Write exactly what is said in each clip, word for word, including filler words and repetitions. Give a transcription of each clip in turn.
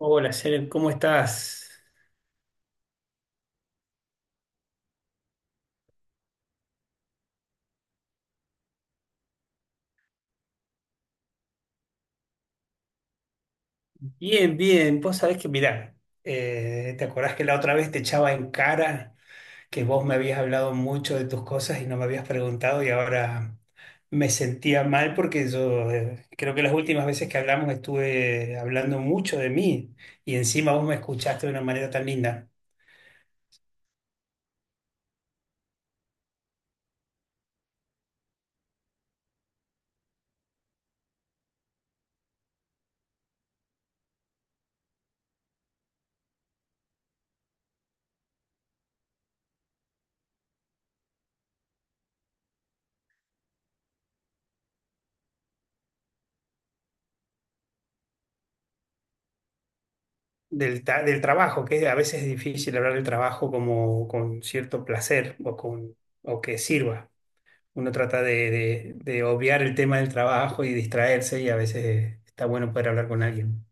Hola, Janet, ¿cómo estás? Bien, bien. Vos sabés que, mirá, eh, ¿te acordás que la otra vez te echaba en cara que vos me habías hablado mucho de tus cosas y no me habías preguntado y ahora me sentía mal porque yo eh, creo que las últimas veces que hablamos estuve hablando mucho de mí y encima vos me escuchaste de una manera tan linda? Del, ta- del trabajo, que a veces es difícil hablar del trabajo como con cierto placer, o, con, o que sirva. Uno trata de, de- de obviar el tema del trabajo y distraerse, y a veces está bueno poder hablar con alguien.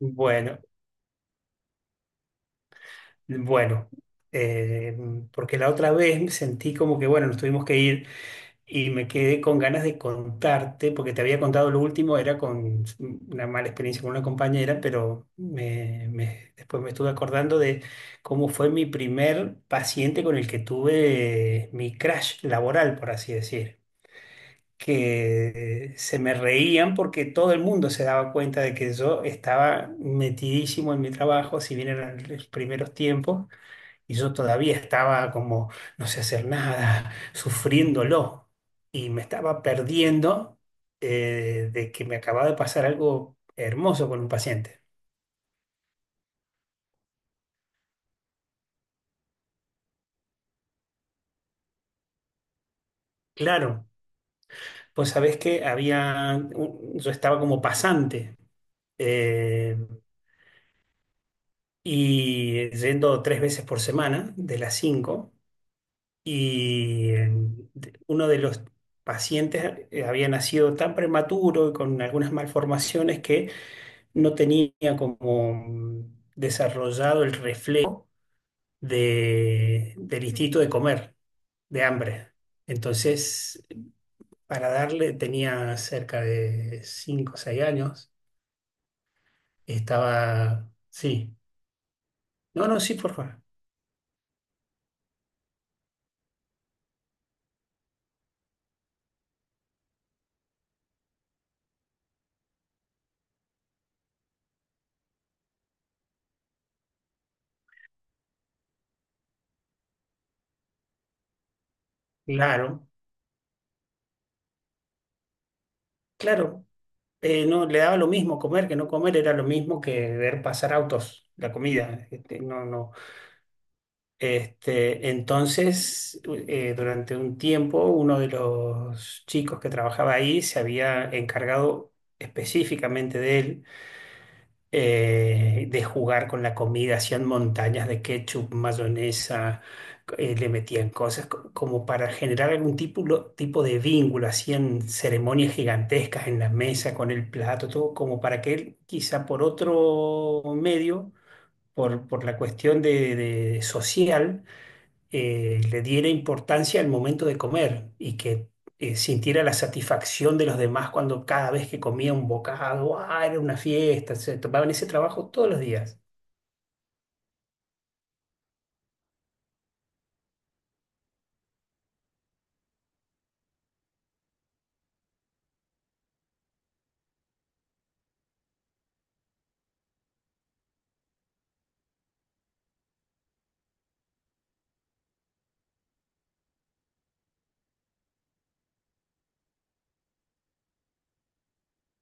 Bueno, bueno, eh, porque la otra vez me sentí como que, bueno, nos tuvimos que ir y me quedé con ganas de contarte, porque te había contado lo último, era con una mala experiencia con una compañera, pero me- me- después me estuve acordando de cómo fue mi primer paciente con el que tuve mi crash laboral, por así decir. Que se me reían porque todo el mundo se daba cuenta de que yo estaba metidísimo en mi trabajo, si bien eran los primeros tiempos, y yo todavía estaba como no sé hacer nada, sufriéndolo, y me estaba perdiendo, eh, de que me acababa de pasar algo hermoso con un paciente. Claro, pues sabés que había, un- yo estaba como pasante. eh, y yendo tres veces por semana, de las cinco. Y eh, uno de los pacientes eh, había nacido tan prematuro y con algunas malformaciones que no tenía como mm, desarrollado el reflejo de- del instinto de comer, de hambre. Entonces, para darle, tenía cerca de cinco o seis años, estaba, sí, no, no, sí, por favor. Claro, claro. Eh, no, le daba lo mismo comer que no comer, era lo mismo que ver pasar autos, la comida. Este, no, no. Este, entonces, eh, durante un tiempo, uno de los chicos que trabajaba ahí se había encargado específicamente de él, eh, de jugar con la comida, hacían montañas de ketchup, mayonesa, eh, le metían cosas co- como para generar algún tipo, lo- tipo de vínculo, hacían ceremonias gigantescas en la mesa con el plato, todo como para que él, quizá por otro medio, por, por la cuestión de, de social, eh, le diera importancia al momento de comer y que eh, sintiera la satisfacción de los demás cuando cada vez que comía un bocado, ah, era una fiesta, se tomaban ese trabajo todos los días.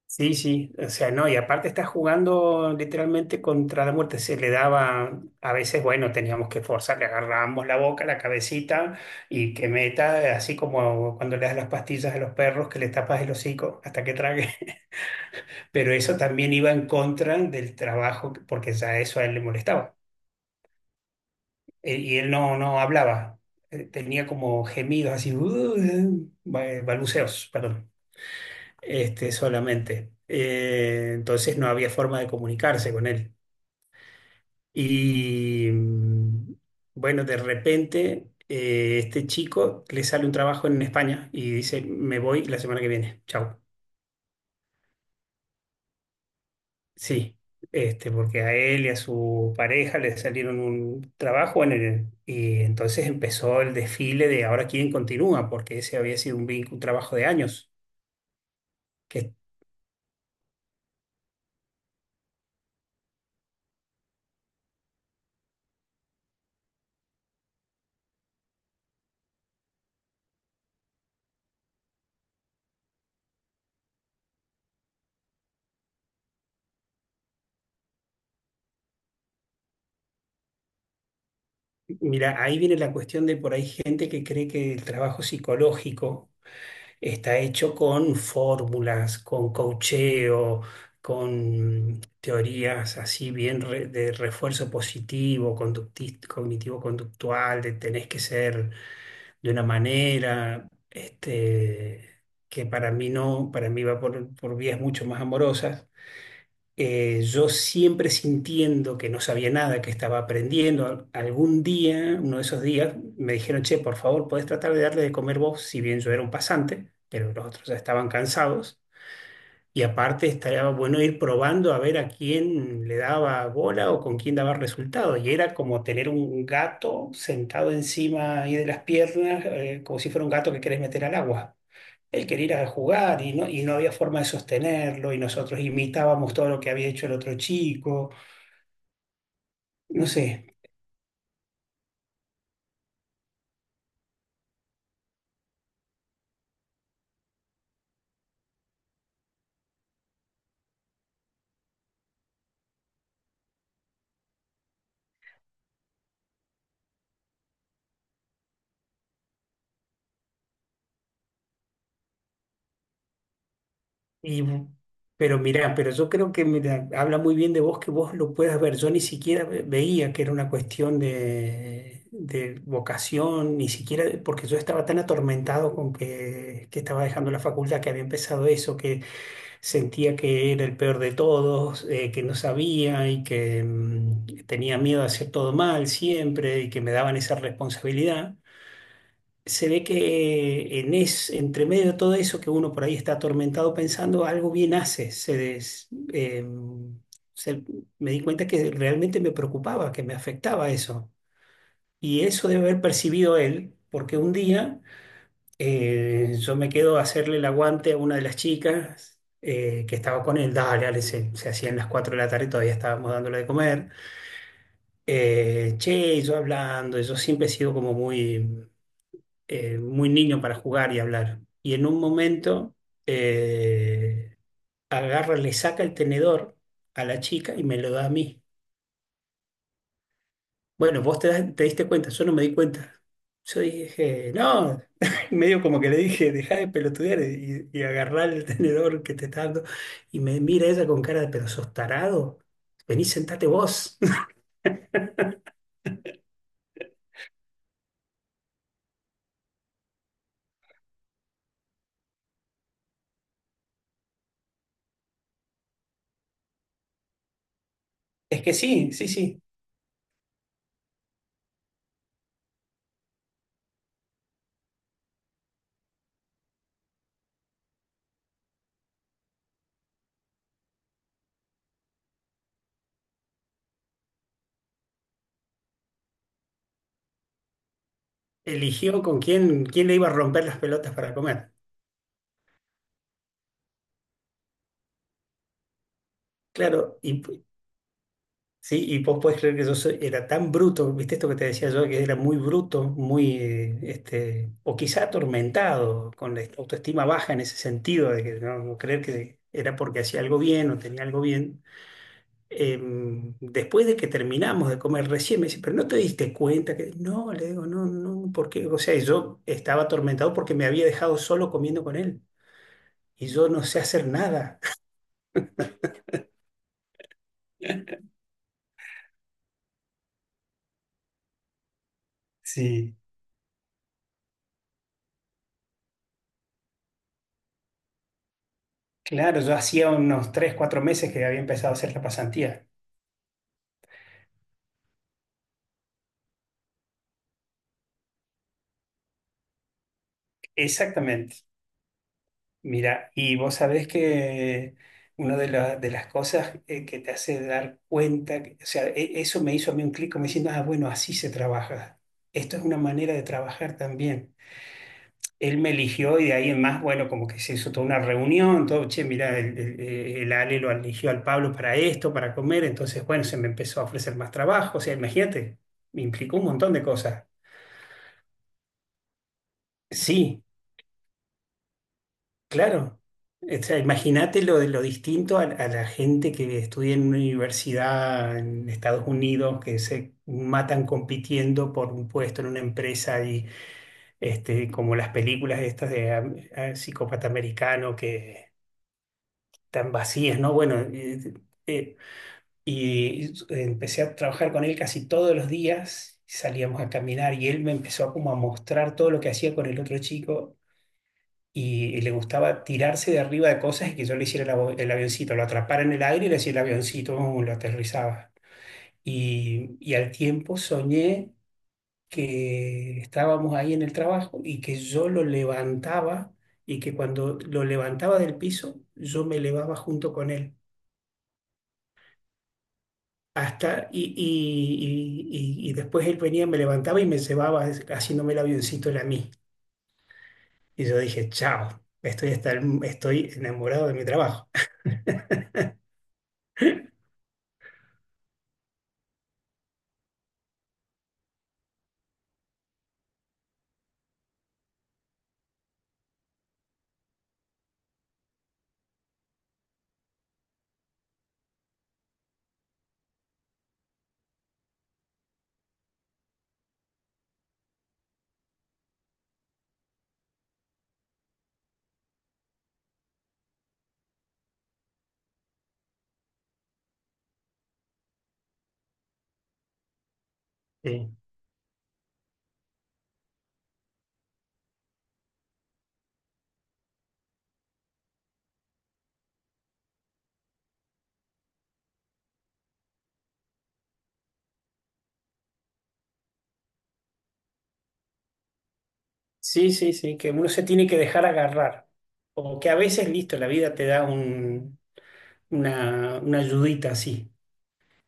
Sí, sí, o sea, no, y aparte está jugando literalmente contra la muerte, se le daba, a veces, bueno, teníamos que forzar, le agarrábamos la boca, la cabecita y que meta, así como cuando le das las pastillas a los perros, que le tapas el hocico hasta que trague. Pero eso también iba en contra del trabajo, porque ya eso a él le molestaba. E- Y él no, no hablaba. Eh, tenía como gemidos así, "Uh", ba- balbuceos, perdón, este, solamente. Eh, entonces no había forma de comunicarse con él. Y mm, bueno, de repente, eh, este chico le sale un trabajo en España y dice, me voy la semana que viene, chao. Sí, este, porque a él y a su pareja le salieron un trabajo en el, y entonces empezó el desfile de ahora quién continúa, porque ese había sido un vínculo, un trabajo de años. Que, Mira, ahí viene la cuestión de por ahí gente que cree que el trabajo psicológico está hecho con fórmulas, con coacheo, con teorías así bien re- de refuerzo positivo, conductis- cognitivo-conductual, de tenés que ser de una manera, este, que para mí no, para mí va por, por vías mucho más amorosas. Eh, yo siempre sintiendo que no sabía nada, que estaba aprendiendo, al- algún día, uno de esos días, me dijeron, che, por favor, podés tratar de darle de comer vos, si bien yo era un pasante, pero los otros ya estaban cansados. Y aparte estaría bueno ir probando a ver a quién le daba bola o con quién daba resultado. Y era como tener un gato sentado encima ahí de las piernas, eh, como si fuera un gato que querés meter al agua. Él quería ir a jugar y no, y no había forma de sostenerlo, y nosotros imitábamos todo lo que había hecho el otro chico. No sé. Y, pero mira, pero yo creo que, mira, habla muy bien de vos que vos lo puedas ver. Yo ni siquiera ve- veía que era una cuestión de, de vocación, ni siquiera porque yo estaba tan atormentado con que, que estaba dejando la facultad, que había empezado eso, que sentía que era el peor de todos, eh, que no sabía y que mm, tenía miedo a hacer todo mal siempre y que me daban esa responsabilidad. Se ve que, eh, en es, entre medio de todo eso que uno por ahí está atormentado pensando, algo bien hace. Se des- eh, se- Me di cuenta que realmente me preocupaba, que me afectaba eso. Y eso debe haber percibido él, porque un día, eh, yo me quedo a hacerle el aguante a una de las chicas. Eh, que estaba con él, dale, dale, se, se hacían las cuatro de la tarde y todavía estábamos dándole de comer. Eh, che, y yo hablando, yo siempre he sido como muy, eh, muy niño para jugar y hablar. Y en un momento, eh, agarra, le saca el tenedor a la chica y me lo da a mí. Bueno, vos te, das- te diste cuenta, yo no me di cuenta. Yo dije, no, y medio como que le dije, dejá de pelotudear y, y agarrá el tenedor que te está dando. Y me mira ella con cara de, pero sos tarado, vení, sentate vos. Es que sí, sí, sí. Eligió con quién, quién le iba a romper las pelotas para comer. Claro. y, Sí, y vos podés creer que yo soy- era tan bruto, viste esto que te decía yo, que era muy bruto, muy, eh, este, o quizá atormentado, con la autoestima baja en ese sentido, de que no, no creer que era porque hacía algo bien o tenía algo bien. Em, después de que terminamos de comer recién, me dice, pero no te diste cuenta que, no, le digo, no, no, porque, o sea, yo estaba atormentado porque me había dejado solo comiendo con él y yo no sé hacer nada. Sí. Claro, yo hacía unos tres, cuatro meses que había empezado a hacer la pasantía. Exactamente. Mira, y vos sabés que una de, la- de las cosas, eh, que te hace dar cuenta, que- o sea, e- eso me hizo a mí un clic como diciendo, ah, bueno, así se trabaja. Esto es una manera de trabajar también. Él me eligió y de ahí en más, bueno, como que se hizo toda una reunión, todo, che, mira, el, el- eh, el Ale lo eligió al Pablo para esto, para comer, entonces, bueno, se me empezó a ofrecer más trabajo, o sea, imagínate, me implicó un montón de cosas. Sí. Claro, o sea, imagínate lo de lo distinto a, a la gente que estudia en una universidad en Estados Unidos, que se matan compitiendo por un puesto en una empresa y este, como las películas estas de am- eh, psicópata americano que tan vacías, ¿no? Bueno, eh, eh, y empecé a trabajar con él casi todos los días, salíamos a caminar y él me empezó como a mostrar todo lo que hacía con el otro chico, y, y le gustaba tirarse de arriba de cosas y que yo le hiciera el, avo- el avioncito, lo atrapara en el aire y le hacía el avioncito, ¡uh!, lo aterrizaba. Y, y al tiempo soñé que estábamos ahí en el trabajo y que yo lo levantaba, y que cuando lo levantaba del piso, yo me elevaba junto con él. Hasta, y, y, y, y- y después él venía, me levantaba y me llevaba haciéndome el avioncito él a mí. Y yo dije, chao, estoy, hasta el- estoy enamorado de mi trabajo. Sí, sí, sí, que uno se tiene que dejar agarrar. O que a veces, listo, la vida te da un, una, una ayudita así,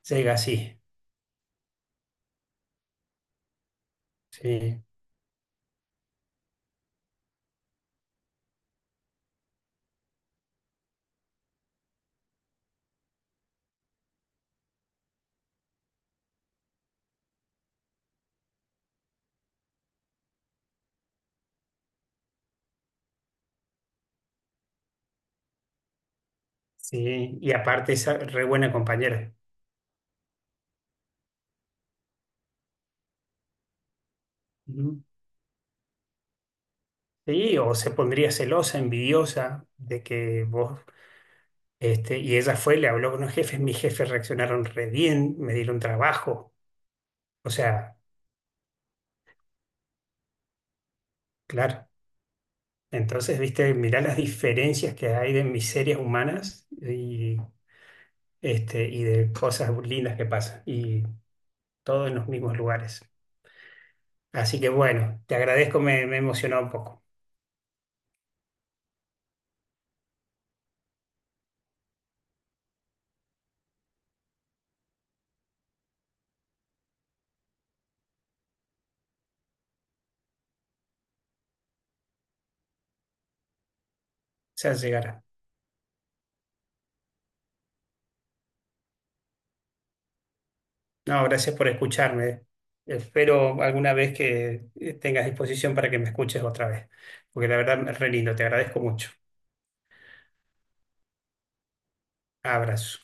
llega así. Sí, sí. Y aparte es re buena compañera. Ujú. Sí, o se pondría celosa, envidiosa de que vos, este, y ella fue, le habló con los jefes, mis jefes reaccionaron re bien, me dieron trabajo. O sea, claro. Entonces, viste, mirá las diferencias que hay de miserias humanas y este, y de cosas lindas que pasan, y todo en los mismos lugares. Así que bueno, te agradezco, me, me emocionó un poco. Ya llegará. No, gracias por escucharme. Espero alguna vez que, eh, tengas disposición para que me escuches otra vez, porque la verdad es re lindo, te agradezco mucho. Abrazo.